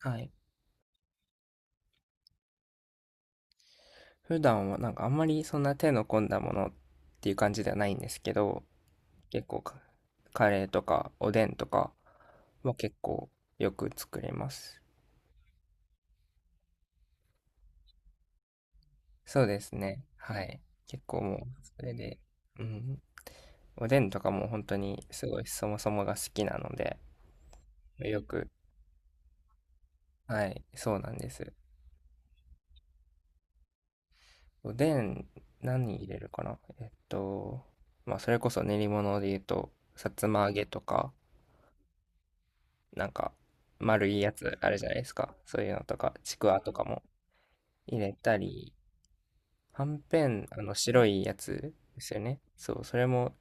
はい。普段はなんかあんまりそんな手の込んだものっていう感じではないんですけど、結構カレーとかおでんとかは結構よく作ります。そうですね。はい。結構もうそれで、うん。おでんとかも本当にすごいそもそもが好きなので、よく、はい、そうなんです。おでん何入れるかなまあそれこそ練り物で言うと、さつま揚げとか、なんか、丸いやつあるじゃないですか。そういうのとか、ちくわとかも入れたり、はんぺん、白いやつですよね。そう、それも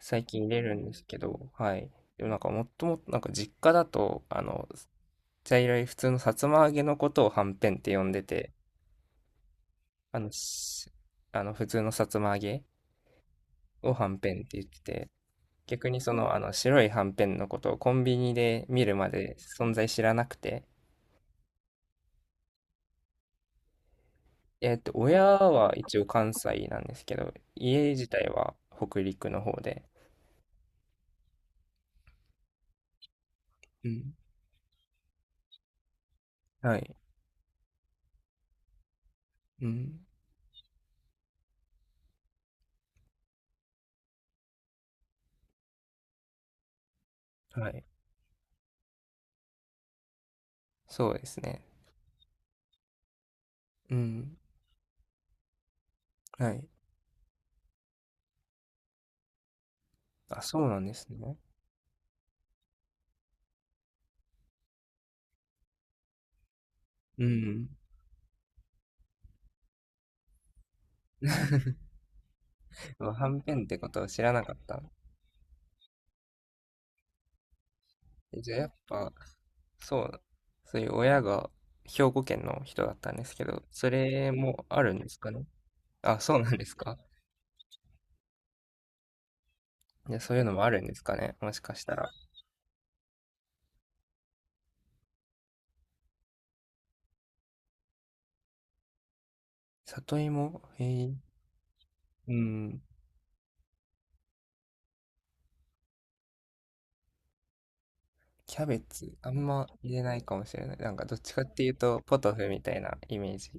最近入れるんですけど、はい。でもなんか、もっともっと、実家だと、茶色い普通のさつま揚げのことをはんぺんって呼んでて、あの、しあの普通のさつま揚げをはんぺんって言ってて、逆にあの白いはんぺんのことをコンビニで見るまで存在知らなくて、親は一応関西なんですけど、家自体は北陸の方で。うん、はい。うん、はい。そうですね。うん、はい。あ、そうなんですね。うん。うはんぺんってことは知らなかった。えじゃあやっぱ、そう、そういう親が兵庫県の人だったんですけど、それもあるんですかね。あ、そうなんですか。じゃあそういうのもあるんですかね。もしかしたら。里芋へえ。うん。キャベツ、あんま入れないかもしれない。なんかどっちかっていうと、ポトフみたいなイメージ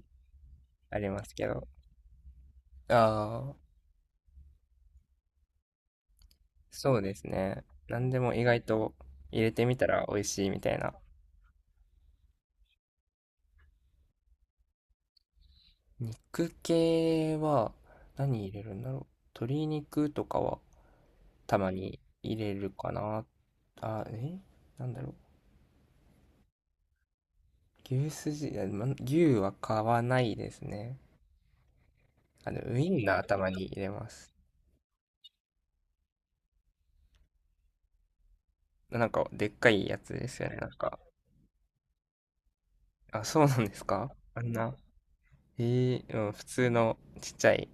ありますけど。ああ、そうですね。なんでも意外と入れてみたら美味しいみたいな。肉系は何入れるんだろう。鶏肉とかはたまに入れるかな。あ、えなんだろう。牛すじ、あま牛は買わないですね。ウインナーたまに入れます。なんか、でっかいやつですよね。なんか、あ、そうなんですかあんな、ええうん、普通のちっちゃい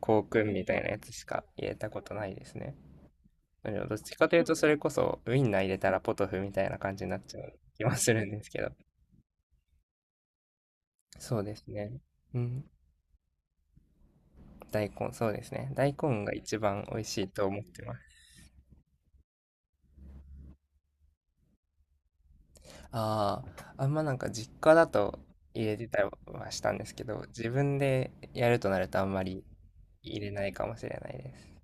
香薫みたいなやつしか入れたことないですね。でもどっちかというと、それこそウインナー入れたらポトフみたいな感じになっちゃう気はするんですけど。そうですね。うん、大根、そうですね。大根が一番美味しいと思ってます。ああ、あんまなんか実家だと入れてたりはしたんですけど、自分でやるとなるとあんまり入れないかもしれないです。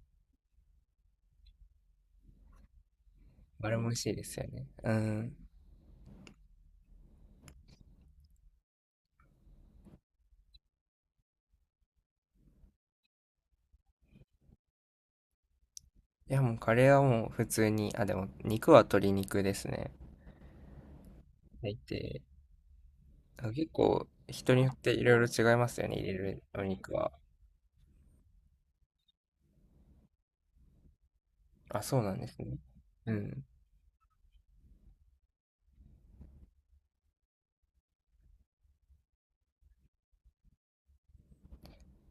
あれも美味しいですよね。うん。いや、もうカレーはもう普通に、あ、でも肉は鶏肉ですね。入って、あ結構人によっていろいろ違いますよね、入れるお肉は。あ、そうなんですね。うん。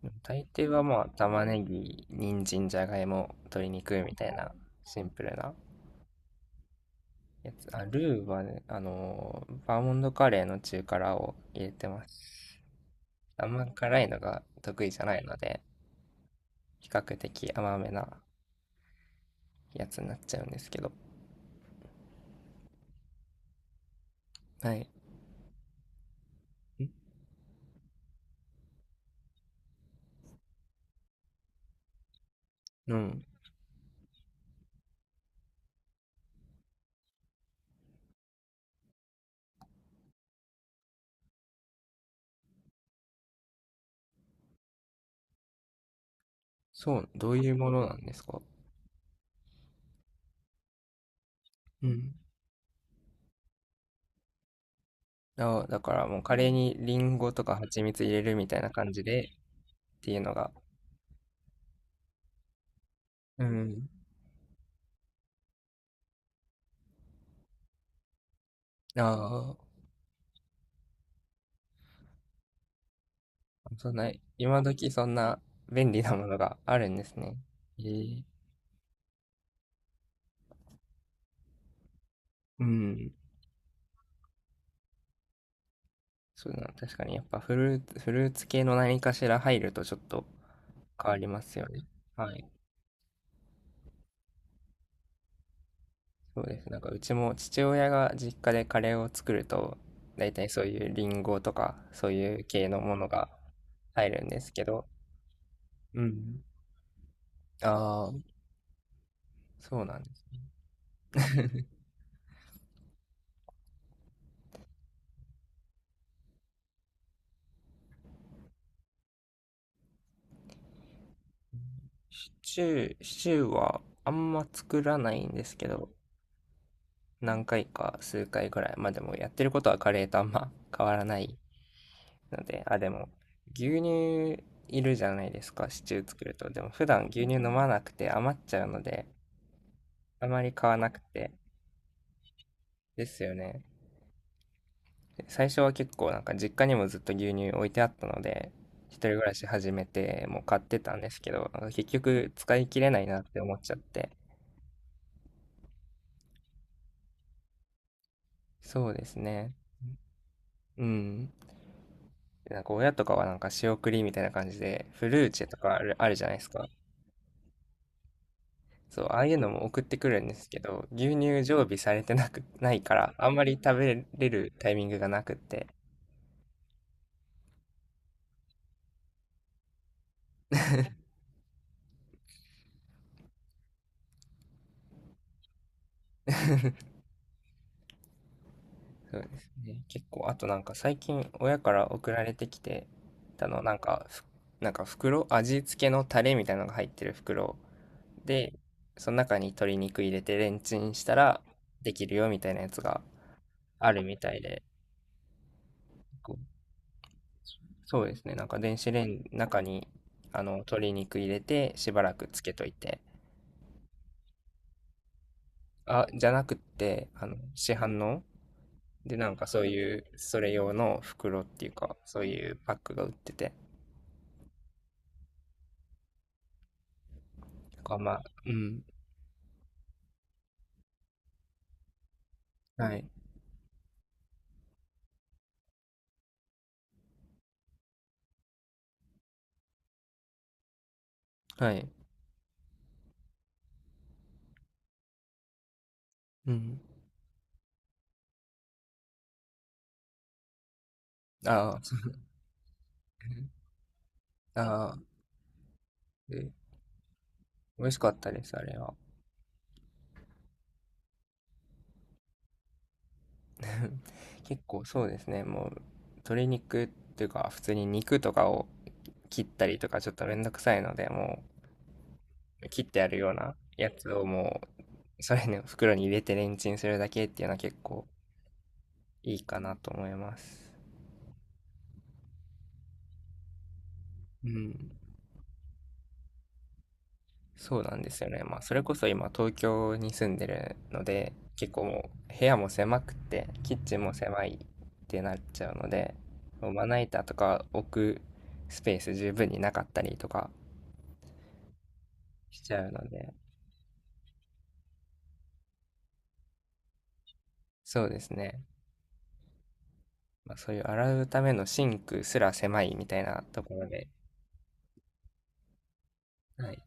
でも大抵はまあ玉ねぎ、人参、じゃがいも、鶏肉みたいなシンプルなやつ。あ、ルーはね、あのーバーモンドカレーの中辛を入れてます。あんま辛いのが得意じゃないので、比較的甘めなやつになっちゃうんですけど。はい。んうん。そう、どういうものなんですか？うん。あ、だからもうカレーにリンゴとか蜂蜜入れるみたいな感じでていうのが、うん。ああ、そんな、今時そんな便利なものがあるんですね。えー、うん。そうだな、確かにやっぱフルーツ系の何かしら入るとちょっと変わりますよね。はい。そうです。なんかうちも父親が実家でカレーを作ると、大体そういうリンゴとかそういう系のものが入るんですけど、うん。ああ、そうなんです。シチュー、シチューはあんま作らないんですけど、何回か数回ぐらい。まあでもやってることはカレーとあんま変わらないので、あ、でも牛乳いるじゃないですか、シチュー作ると。でも普段牛乳飲まなくて余っちゃうので、あまり買わなくて。ですよね。最初は結構なんか実家にもずっと牛乳置いてあったので、一人暮らし始めてもう買ってたんですけど、なんか結局使い切れないなって思っちゃって。そうですね。うん。なんか親とかはなんか仕送りみたいな感じで、フルーチェとかある、あるじゃないですか。そう、ああいうのも送ってくるんですけど、牛乳常備されてないから、あんまり食べれるタイミングがなくって。そうですね。結構、あとなんか最近親から送られてきてたの、なんか袋、味付けのタレみたいなのが入ってる袋で、その中に鶏肉入れてレンチンしたらできるよみたいなやつがあるみたいで、こそうですね。なんか電子レンジの中にあの鶏肉入れてしばらくつけといて。あ、じゃなくってあの市販のでなんかそういうそれ用の袋っていうかそういうパックが売ってて。うん。はい。はい。うん。ああ、ああ、で美味しかったです、あれは。結構そうですね。もう鶏肉っていうか普通に肉とかを切ったりとかちょっとめんどくさいので、切ってあるようなやつをもう、それの袋に入れてレンチンするだけっていうのは結構いいかなと思います。うん。そうなんですよね。まあ、それこそ今東京に住んでるので、結構もう部屋も狭くて、キッチンも狭いってなっちゃうので、もうまな板とか置くスペース十分になかったりとかしちゃうので、そうですね。まあ、そういう洗うためのシンクすら狭いみたいなところで、はい